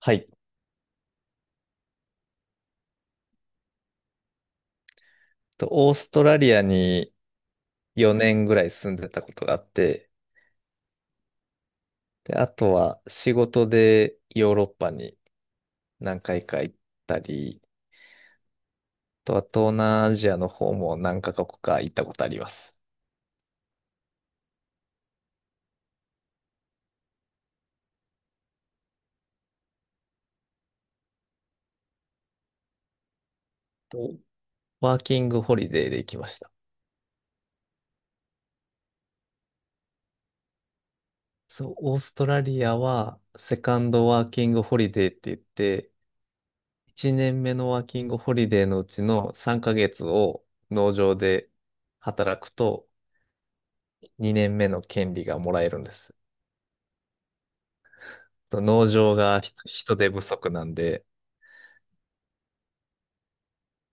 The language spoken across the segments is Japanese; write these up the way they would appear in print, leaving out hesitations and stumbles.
はい。オーストラリアに4年ぐらい住んでたことがあって、で、あとは仕事でヨーロッパに何回か行ったり、あとは東南アジアの方も何カ国か行ったことあります。と、ワーキングホリデーで行きました。そう、オーストラリアはセカンドワーキングホリデーって言って、1年目のワーキングホリデーのうちの3ヶ月を農場で働くと2年目の権利がもらえるんです。農場が人手不足なんで、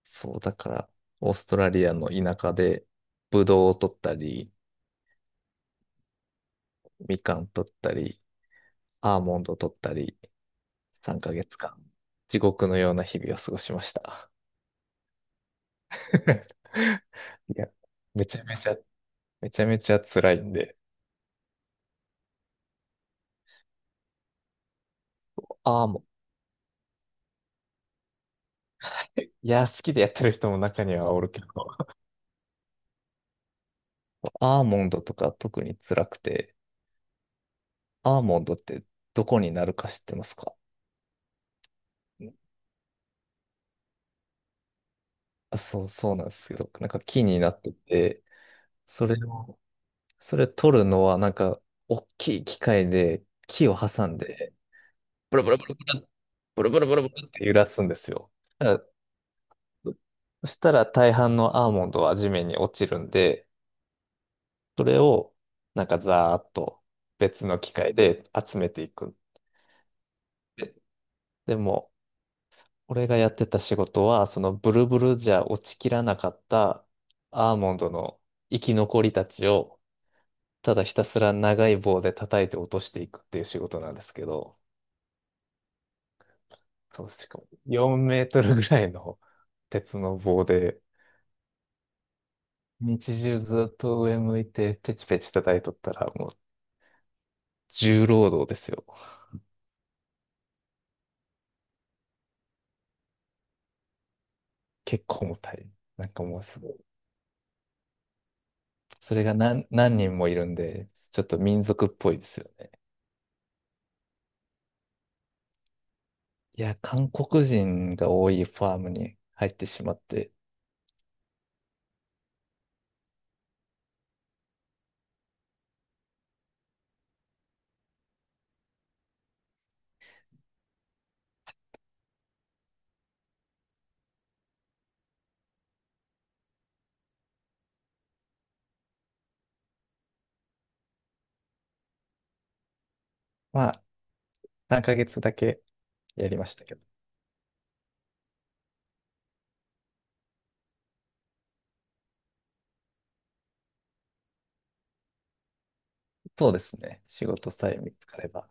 そう、だから、オーストラリアの田舎で、ブドウを取ったり、みかん取ったり、アーモンドを取ったり、3ヶ月間、地獄のような日々を過ごしました。いや、めちゃめちゃ、めちゃめちゃ辛いんで、アーモンド、いや、好きでやってる人も中にはおるけど、アーモンドとか特に辛くて、アーモンドってどこになるか知ってますか？あ、そう、そうなんですけど、なんか木になってて、それを、それ取るのは、なんか、大きい機械で木を挟んで、ブルブルブルブル、ブルブルブルブルって揺らすんですよ。だからそしたら大半のアーモンドは地面に落ちるんで、それを、なんかざーっと別の機械で集めていくんで。でも、俺がやってた仕事は、そのブルブルじゃ落ちきらなかったアーモンドの生き残りたちを、ただひたすら長い棒で叩いて落としていくっていう仕事なんですけど、そう、しかも4メートルぐらいの鉄の棒で、日中ずっと上向いてペチペチ叩いとったらもう重労働ですよ。結構重たい。なんかもうすごい。それが何人もいるんで、ちょっと民族っぽいですよね。いや、韓国人が多いファームに入ってしまって、まあ、3ヶ月だけやりましたけど。そうですね。仕事さえ見つかれば。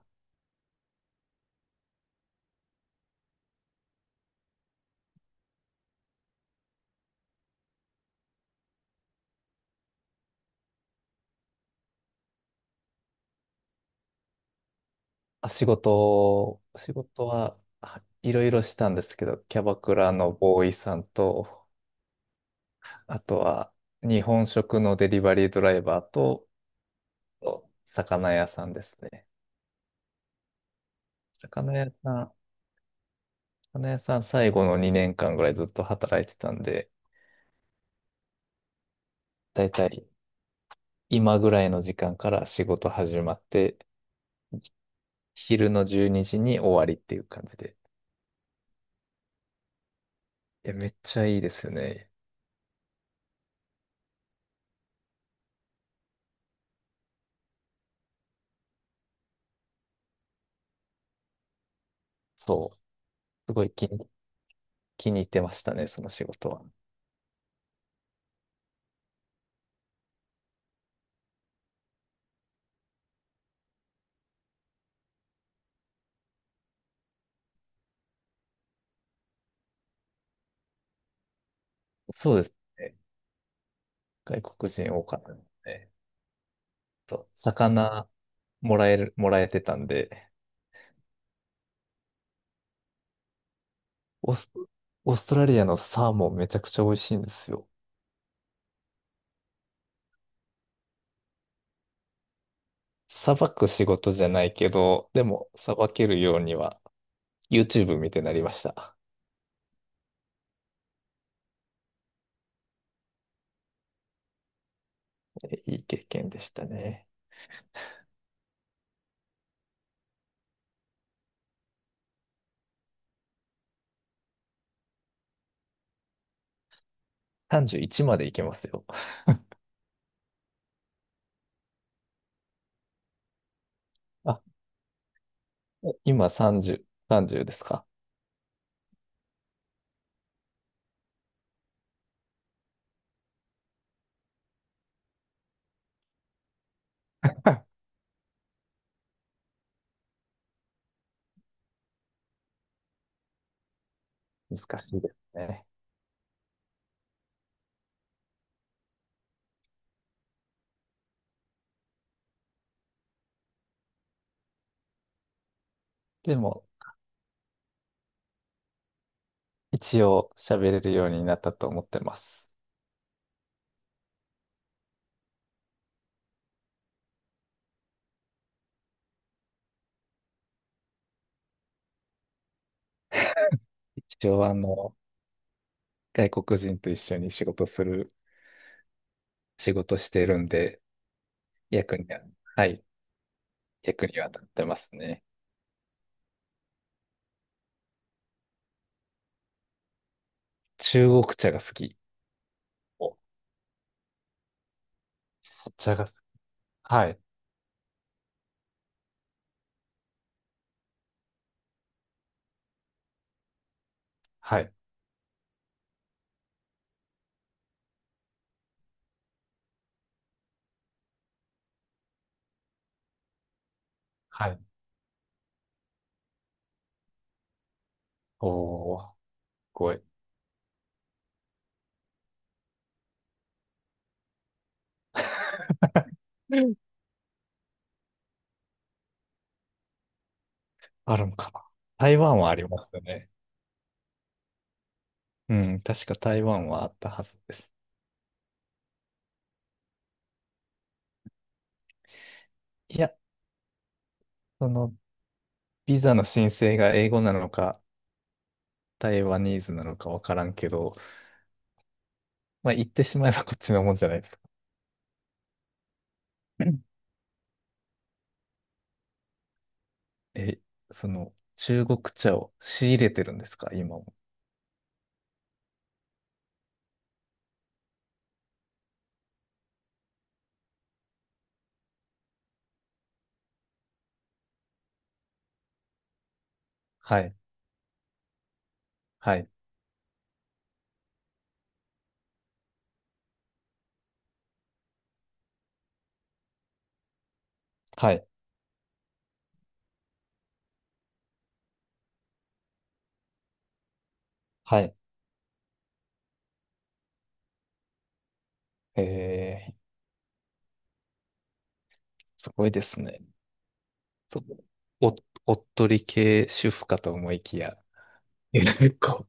あ、仕事は、いろいろしたんですけど、キャバクラのボーイさんと、あとは日本食のデリバリードライバーと、魚屋さんですね。魚屋さん、魚屋さん最後の2年間ぐらいずっと働いてたんで、だいたい今ぐらいの時間から仕事始まって、昼の12時に終わりっていう感じで。いや、めっちゃいいですよね。そう。すごい気に入ってましたね、その仕事は。そうですね。外国人多かったですね。魚もらえてたんで、オースト、オーストラリアのサーモンめちゃくちゃ美味しいんですよ。さばく仕事じゃないけど、でもさばけるようには YouTube 見てなりました。いい経験でしたね。31までいけますよ。あ、今30ですか？難しいですね。でも、一応喋れるようになったと思ってます。一応外国人と一緒に仕事してるんで、役には、はい、役には立ってますね。中国茶が好き。お、お茶が、はい、はい、はい。おー、すごい。うん、あるのかな。台湾はありますよね。うん、確か台湾はあったはずです。いや、その、ビザの申請が英語なのか、台湾ニーズなのかわからんけど、まあ、言ってしまえばこっちのもんじゃないですか。え、その、中国茶を仕入れてるんですか、今も？はい、はい、はい、はい。えー、すごいですね。そ、お、おっとり系主婦かと思いきや、結構、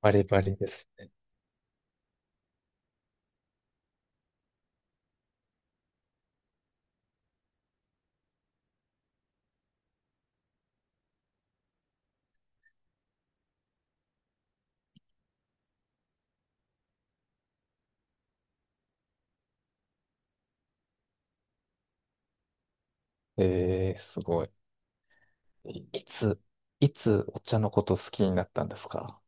バリバリです。えー、すごい。いいつ、いつお茶のこと好きになったんですか？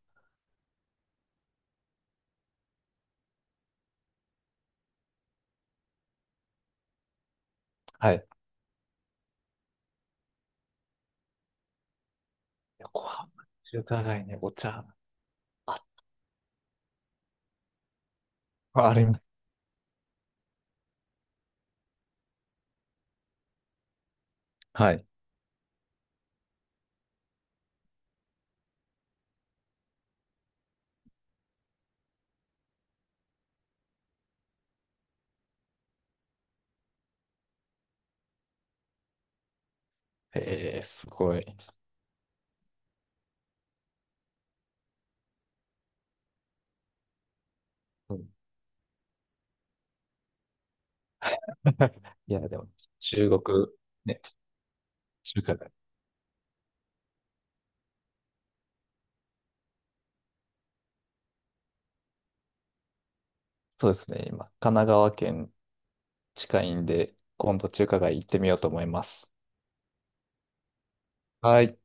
はい。横浜中華街にお茶、あ、あります。はい。えー、すごい。うん いや、でも、中国、ね、中華、そうですね。今、神奈川県近いんで、今度中華街行ってみようと思います。はい。